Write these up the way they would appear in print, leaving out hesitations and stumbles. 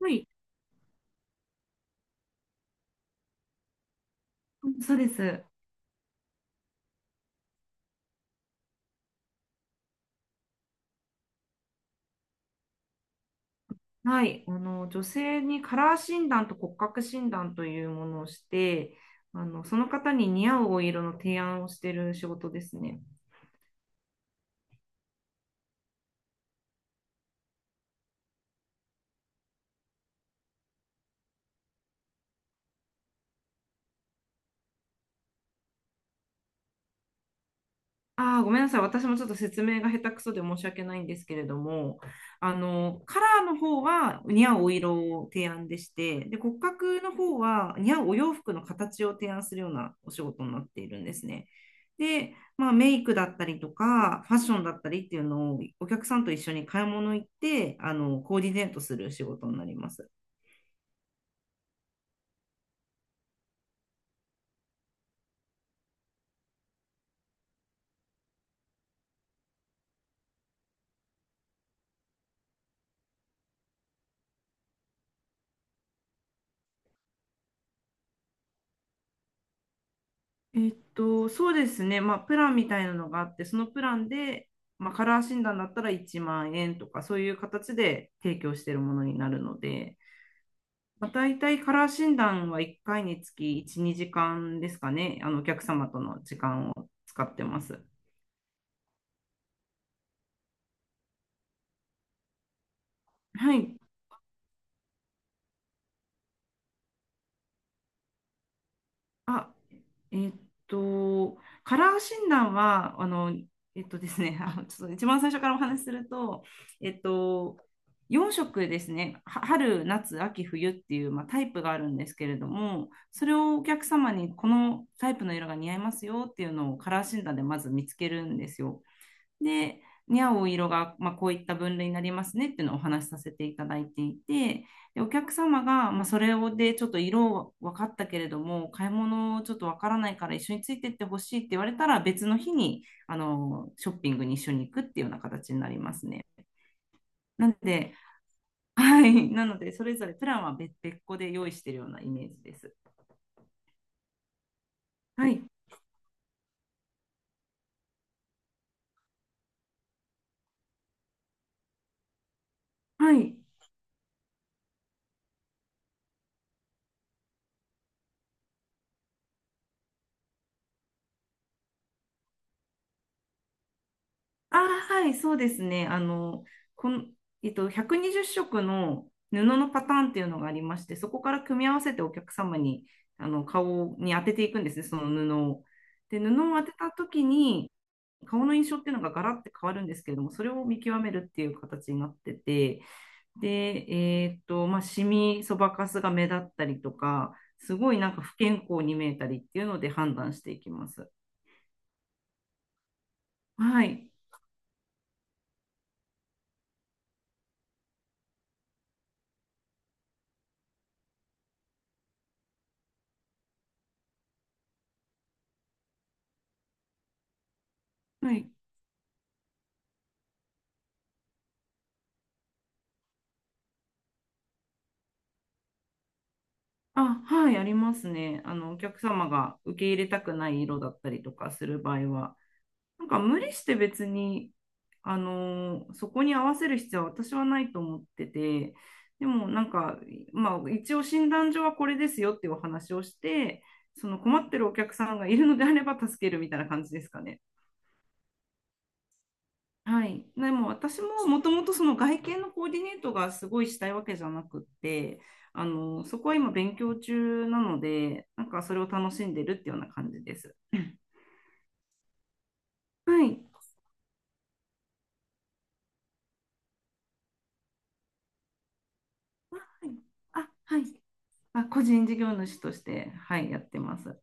はい、そうです。はい、女性にカラー診断と骨格診断というものをして、その方に似合うお色の提案をしている仕事ですね。ああ、ごめんなさい。私もちょっと説明が下手くそで申し訳ないんですけれども、カラーの方は似合うお色を提案でして、で、骨格の方は似合うお洋服の形を提案するようなお仕事になっているんですね。で、まあ、メイクだったりとか、ファッションだったりっていうのをお客さんと一緒に買い物行って、コーディネートする仕事になります。そうですね。まあ、プランみたいなのがあって、そのプランで、まあ、カラー診断だったら1万円とか、そういう形で提供しているものになるので、まあ、大体カラー診断は1回につき1、2時間ですかね。お客様との時間を使ってます。はい。あ、えっと、カラー診断は、あの、えっとですね、ちょっと一番最初からお話しすると、えっと、4色ですね、は春、夏、秋、冬っていう、まあ、タイプがあるんですけれども、それをお客様にこのタイプの色が似合いますよっていうのをカラー診断でまず見つけるんですよ。で、に合お色が、まあ、こういった分類になりますねっていうのをお話しさせていただいていて、でお客様が、まあ、それをでちょっと色分かったけれども、買い物ちょっと分からないから一緒についてってほしいって言われたら、別の日にショッピングに一緒に行くっていうような形になりますね。なので、はい、なので、それぞれプランは別別個で用意しているようなイメージです。はい、はい。ああ、はい、そうですね。あの、この、えっと、120色の布のパターンっていうのがありまして、そこから組み合わせてお客様に、顔に当てていくんですね、その布を。で、布を当てた時に、顔の印象っていうのがガラッて変わるんですけれども、それを見極めるっていう形になってて、で、まあ、シミ、そばかすが目立ったりとか、すごいなんか不健康に見えたりっていうので判断していきます。はい。はいあ、はい、ありますね。お客様が受け入れたくない色だったりとかする場合は、なんか無理して別に、そこに合わせる必要は私はないと思ってて、でもなんか、まあ、一応診断書はこれですよっていうお話をして、その困ってるお客さんがいるのであれば助けるみたいな感じですかね。はい。でも私ももともとその外見のコーディネートがすごいしたいわけじゃなくって、そこは今勉強中なので、なんかそれを楽しんでるっていうような感じです。はい。はいあ、はい。あ、個人事業主として、はい、やってます。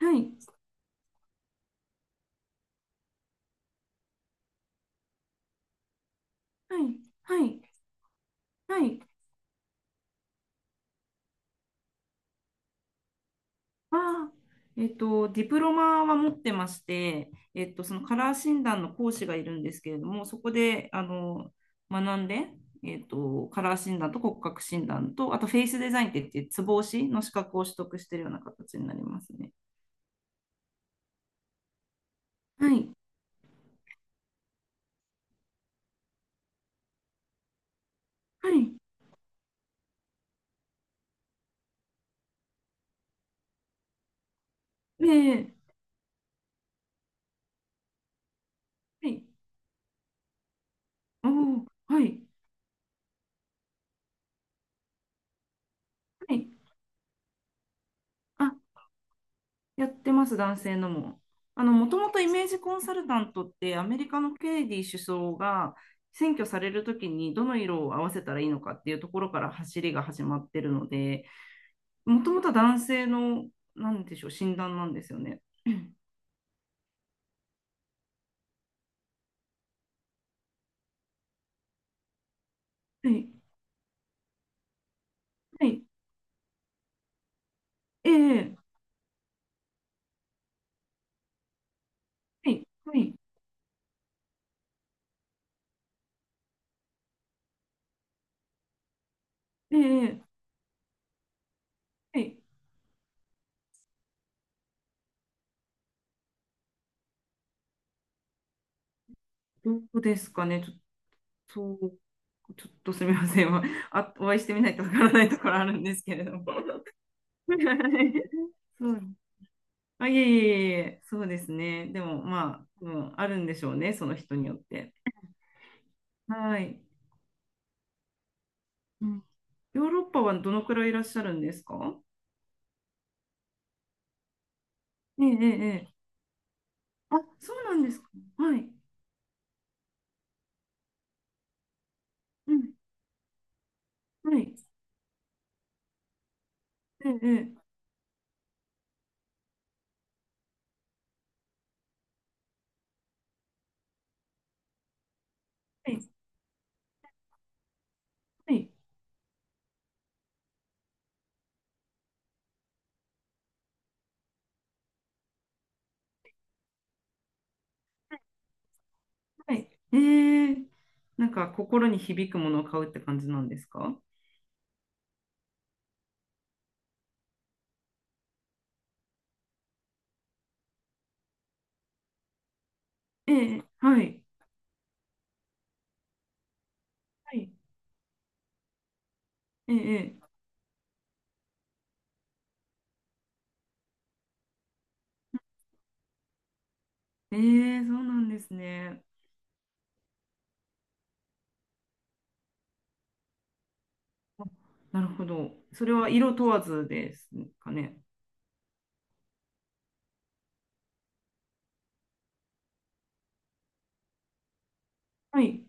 はい。はい。はい。はい。ああ、ディプロマは持ってまして、そのカラー診断の講師がいるんですけれども、そこで、学んで、カラー診断と骨格診断と、あとフェイスデザインって言って、ツボ押しの資格を取得しているような形になりますね。はい。はい。で、はい。おお、はい。はい。やってます、男性のも。もともとイメージコンサルタントってアメリカのケネディ首相が選挙されるときにどの色を合わせたらいいのかっていうところから走りが始まってるので、もともとは男性の、なんでしょう、診断なんですよね。はい、はい、ええ、はい、はい、ええ、はい、どうですかね、と、ちょっと、すみません、あ、お会いしてみないとわからないところあるんですけれども。はいそうあ、いえいえいえ、そうですね。でも、まあ、うん、あるんでしょうね、その人によって。はい。うん、ヨーロッパはどのくらいいらっしゃるんですか？ええ、ええ、ええあ、そうなんですか。はい。うん、はい。ええ、ええはい、はい、はい。ええ、なんか心に響くものを買うって感じなんですか？ええ、はい。はい。ええ、ええ、ええそうなんですね。なるほど。それは色問わずですかね？はい、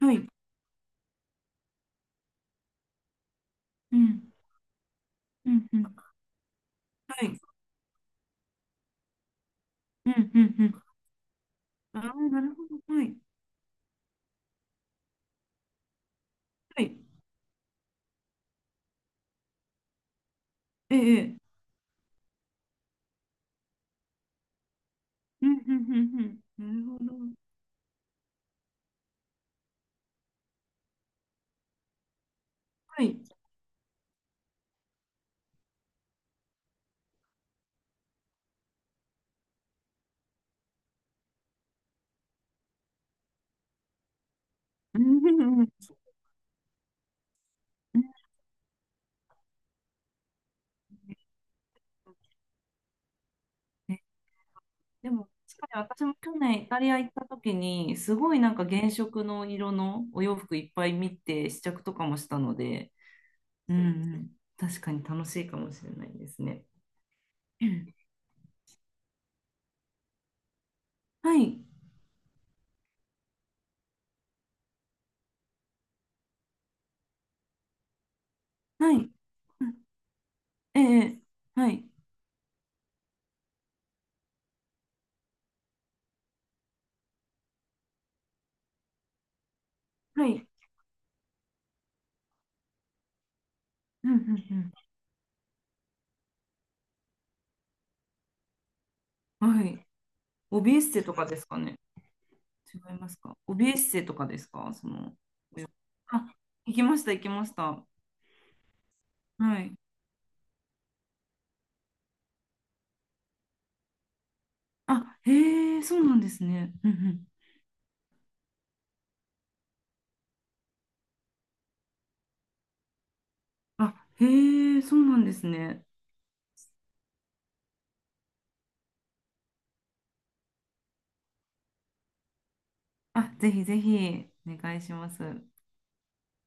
はい。うん、うん、うん。はい。うんうんうん。ああ、なるほど。はい。はい。ええ。ええうんうんうんうん。なるほど。はい。うんうんうん。うんね。でも、確かに私も去年イタリア行った時に、すごいなんか原色の色のお洋服いっぱい見て試着とかもしたので、うんうん、確かに楽しいかもしれないですね。うんはい、はい、うんええ、はい、はい、うんうんうん、はい。オビエステとかですかね？違いますかオビエッセとかですかその？あ、行きました、行きました。はい。あ、へえ、そうなんですね。うんうん。あ、へえ、そうなんですね。あ、ぜひぜひ、お願いします。